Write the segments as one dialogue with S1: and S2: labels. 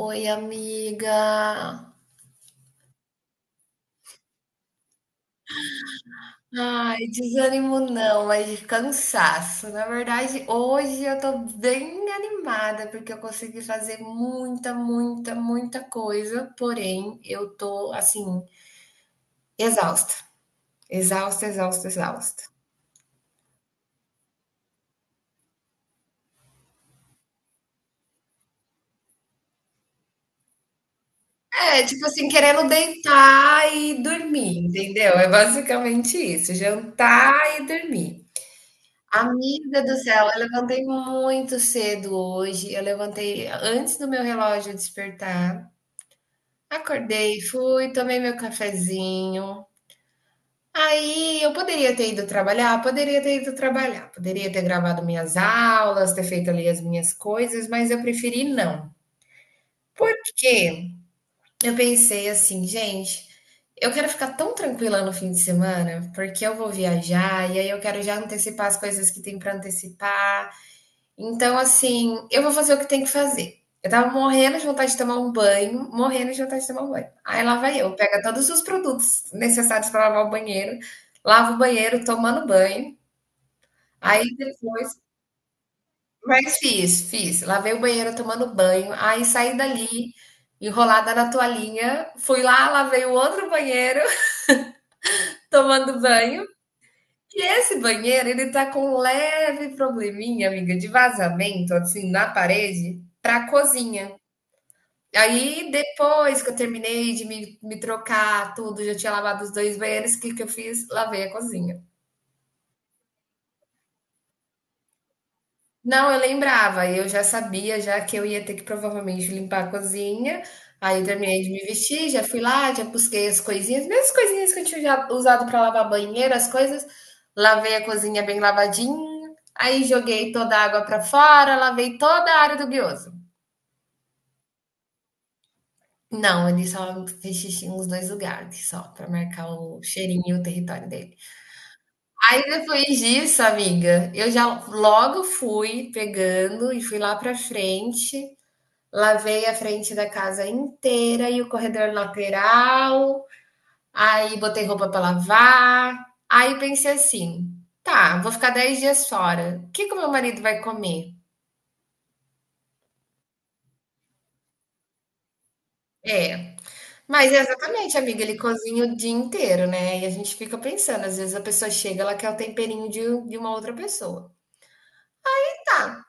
S1: Oi, amiga. Ai, desânimo não, mas cansaço. Na verdade, hoje eu tô bem animada porque eu consegui fazer muita, muita, muita coisa, porém eu tô assim, exausta. Exausta, exausta, exausta. É, tipo assim, querendo deitar e dormir, entendeu? É basicamente isso, jantar e dormir. Amiga do céu, eu levantei muito cedo hoje. Eu levantei antes do meu relógio despertar. Acordei, fui, tomei meu cafezinho. Aí eu poderia ter ido trabalhar, poderia ter ido trabalhar, poderia ter gravado minhas aulas, ter feito ali as minhas coisas, mas eu preferi não. Porque eu pensei assim, gente, eu quero ficar tão tranquila no fim de semana, porque eu vou viajar e aí eu quero já antecipar as coisas que tem para antecipar. Então, assim, eu vou fazer o que tem que fazer. Eu estava morrendo de vontade de tomar um banho, morrendo de vontade de tomar um banho. Aí lá vai eu, pega todos os produtos necessários para lavar o banheiro, lavo o banheiro tomando banho. Aí depois, mas fiz, fiz. Lavei o banheiro tomando banho, aí saí dali enrolada na toalhinha, fui lá, lavei o outro banheiro tomando banho. E esse banheiro, ele tá com um leve probleminha, amiga, de vazamento assim na parede para a cozinha. Aí, depois que eu terminei de me trocar tudo, já tinha lavado os 2 banheiros, o que que eu fiz? Lavei a cozinha. Não, eu lembrava, eu já sabia já que eu ia ter que provavelmente limpar a cozinha. Aí eu terminei de me vestir, já fui lá, já busquei as coisinhas, mesmas coisinhas que eu tinha já usado para lavar banheiro, as coisas. Lavei a cozinha bem lavadinha, aí joguei toda a água para fora, lavei toda a área do guioso. Não, ele só fez xixi nos 2 lugares, só para marcar o cheirinho e o território dele. Aí depois disso, amiga, eu já logo fui pegando e fui lá pra frente, lavei a frente da casa inteira e o corredor lateral, aí botei roupa pra lavar. Aí pensei assim: tá, vou ficar 10 dias fora. O que que o meu marido vai comer? É. Mas é exatamente, amiga, ele cozinha o dia inteiro, né? E a gente fica pensando, às vezes a pessoa chega, ela quer o temperinho de uma outra pessoa. Tá,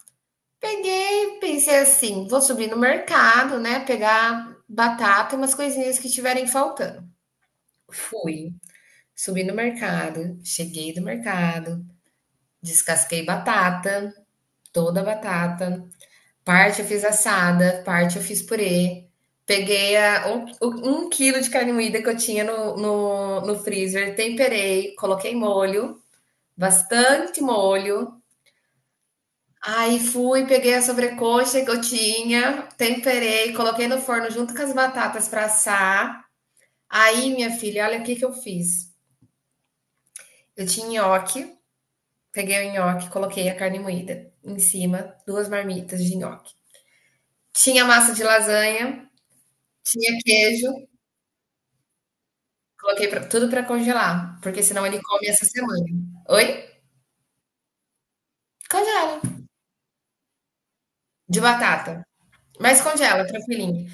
S1: peguei, pensei assim, vou subir no mercado, né, pegar batata e umas coisinhas que estiverem faltando. Fui, subi no mercado, cheguei do mercado, descasquei batata, toda a batata, parte eu fiz assada, parte eu fiz purê, peguei um quilo de carne moída que eu tinha no freezer, temperei, coloquei molho, bastante molho. Aí fui, peguei a sobrecoxa que eu tinha, temperei, coloquei no forno junto com as batatas para assar. Aí, minha filha, olha o que que eu fiz. Eu tinha nhoque, peguei o nhoque, coloquei a carne moída em cima, 2 marmitas de nhoque. Tinha massa de lasanha, tinha queijo, coloquei pra, tudo para congelar, porque senão ele come essa semana. Oi? Congela. De batata. Mas congela, tranquilinho.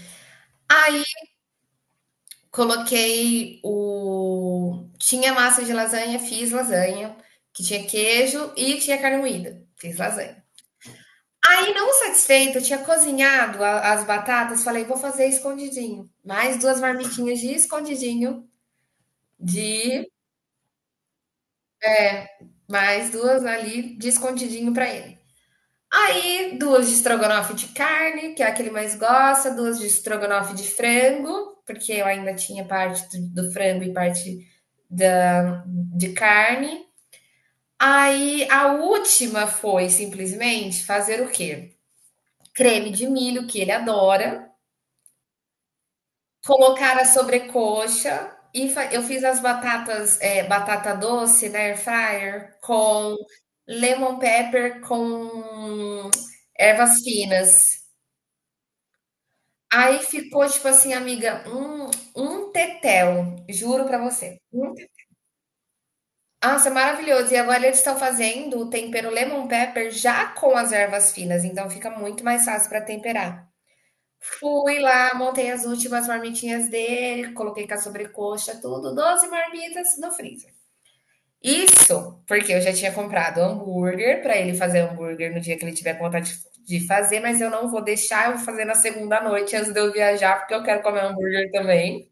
S1: Aí coloquei o. Tinha massa de lasanha, fiz lasanha, que tinha queijo e tinha carne moída. Fiz lasanha. Aí, não satisfeita, eu tinha cozinhado a- as batatas, falei, vou fazer escondidinho. Mais 2 marmitinhas de escondidinho, de mais 2 ali de escondidinho para ele. Aí, 2 de estrogonofe de carne, que é a que ele mais gosta, 2 de estrogonofe de frango, porque eu ainda tinha parte do frango e parte da, de carne. Aí, a última foi simplesmente fazer o quê? Creme de milho, que ele adora, colocar a sobrecoxa. E eu fiz as batatas, batata doce na air fryer com lemon pepper com ervas finas. Aí ficou tipo assim, amiga, um tetel, juro pra você. Um te Nossa, maravilhoso. E agora eles estão fazendo o tempero lemon pepper já com as ervas finas, então fica muito mais fácil pra temperar. Fui lá, montei as últimas marmitinhas dele, coloquei com a sobrecoxa, tudo, 12 marmitas no freezer. Isso porque eu já tinha comprado hambúrguer pra ele fazer hambúrguer no dia que ele tiver com vontade de fazer, mas eu não vou deixar, eu vou fazer na segunda noite antes de eu viajar, porque eu quero comer hambúrguer também.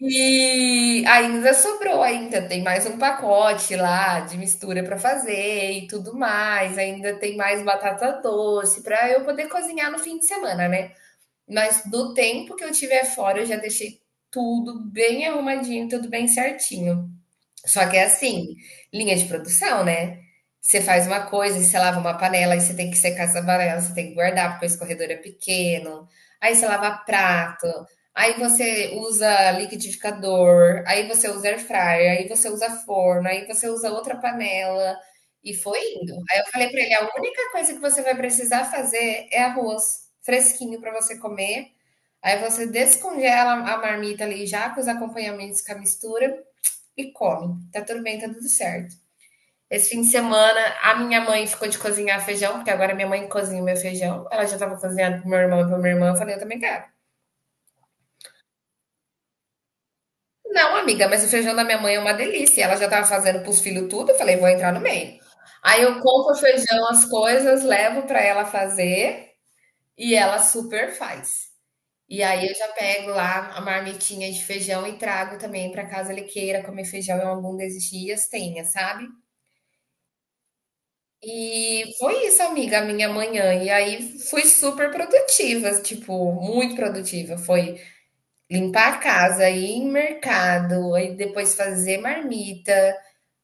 S1: E ainda sobrou ainda, tem mais um pacote lá de mistura para fazer e tudo mais. Ainda tem mais batata doce para eu poder cozinhar no fim de semana, né. Mas do tempo que eu tiver fora, eu já deixei tudo bem arrumadinho, tudo bem certinho. Só que é assim, linha de produção, né? Você faz uma coisa, e você lava uma panela, aí você tem que secar essa panela, você tem que guardar, porque o escorredor é pequeno. Aí você lava prato, aí você usa liquidificador, aí você usa air fryer, aí você usa forno, aí você usa outra panela. E foi indo. Aí eu falei pra ele: a única coisa que você vai precisar fazer é arroz fresquinho pra você comer. Aí você descongela a marmita ali já com os acompanhamentos, com a mistura e come. Tá tudo bem, tá tudo certo. Esse fim de semana, a minha mãe ficou de cozinhar feijão, porque agora minha mãe cozinha o meu feijão. Ela já tava cozinhando pro meu irmão e pra minha irmã. Eu falei, eu também quero. Não, amiga, mas o feijão da minha mãe é uma delícia. Ela já tava fazendo pros filhos tudo. Eu falei, vou entrar no meio. Aí eu compro o feijão, as coisas, levo pra ela fazer e ela super faz. E aí eu já pego lá a marmitinha de feijão e trago também pra casa. Ele queira comer feijão em algum desses dias, tenha, sabe? E foi isso, amiga, a minha manhã. E aí fui super produtiva, tipo, muito produtiva. Foi limpar a casa, ir em mercado, aí depois fazer marmita.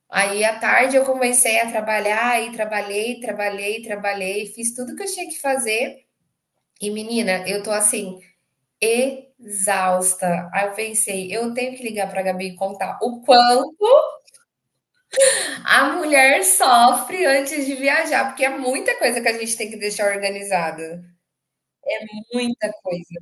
S1: Aí à tarde eu comecei a trabalhar, e trabalhei, trabalhei, trabalhei, fiz tudo que eu tinha que fazer. E menina, eu tô assim, exausta. Aí eu pensei, eu tenho que ligar pra Gabi e contar o quanto a mulher sofre antes de viajar, porque é muita coisa que a gente tem que deixar organizada. Muita coisa.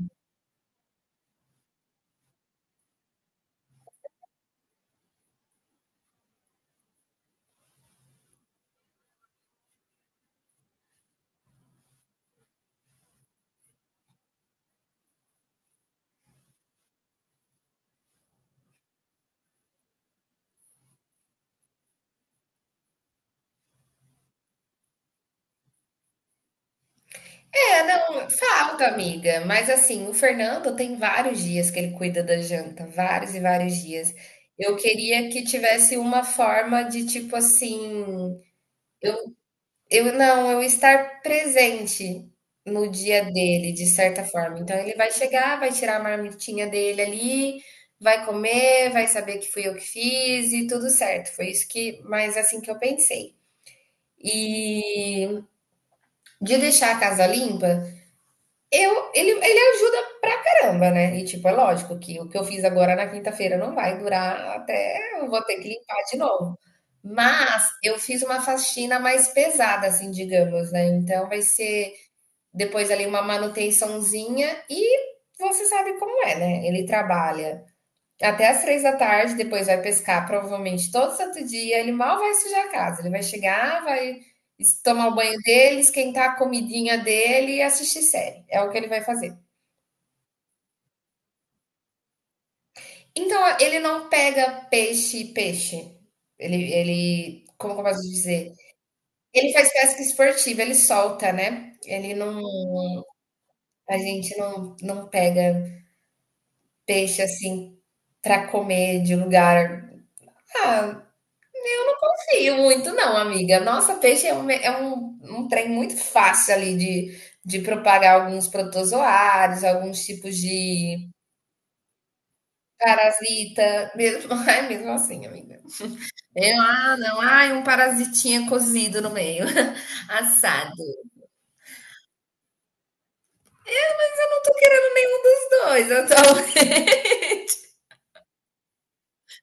S1: É, não, falta, amiga. Mas assim, o Fernando tem vários dias que ele cuida da janta, vários e vários dias. Eu queria que tivesse uma forma de tipo assim, eu, eu estar presente no dia dele, de certa forma. Então ele vai chegar, vai tirar a marmitinha dele ali, vai comer, vai saber que fui eu que fiz e tudo certo. Foi isso que, mas assim que eu pensei. E de deixar a casa limpa, eu, ele ajuda pra caramba, né? E, tipo, é lógico que o que eu fiz agora na quinta-feira não vai durar até eu vou ter que limpar de novo. Mas eu fiz uma faxina mais pesada, assim, digamos, né? Então vai ser depois ali uma manutençãozinha e você sabe como é, né? Ele trabalha até as 3 da tarde, depois vai pescar provavelmente todo santo dia. Ele mal vai sujar a casa. Ele vai chegar, vai tomar o banho dele, esquentar a comidinha dele e assistir série. É o que ele vai fazer. Então, ele não pega peixe, e peixe. Ele como que eu posso dizer? Ele faz pesca esportiva, ele solta, né. Ele não, a gente não pega peixe, assim, pra comer de lugar. Ah, eu não confio muito não, amiga. Nossa, peixe é um é um trem muito fácil ali de propagar alguns protozoários, alguns tipos de parasita, mesmo. É mesmo assim, amiga. Eu, ah, não, ai, um parasitinha cozido no meio, assado. Eu não tô querendo nenhum dos dois, eu tô,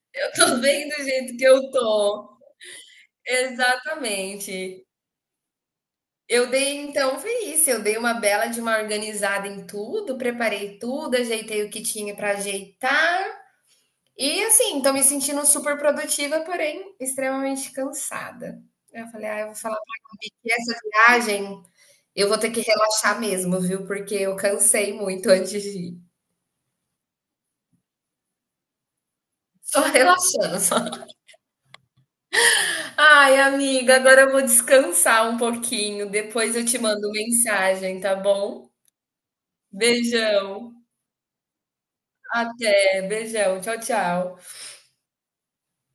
S1: eu tô bem do jeito que eu tô. Exatamente. Eu dei, então, foi isso. Eu dei uma bela de uma organizada em tudo, preparei tudo, ajeitei o que tinha pra ajeitar. E assim, tô me sentindo super produtiva, porém extremamente cansada. Eu falei, ah, eu vou falar que essa viagem eu vou ter que relaxar mesmo, viu? Porque eu cansei muito antes de ir. Só relaxando, só. Ai, amiga, agora eu vou descansar um pouquinho. Depois eu te mando mensagem, tá bom? Beijão. Até. Beijão. Tchau, tchau.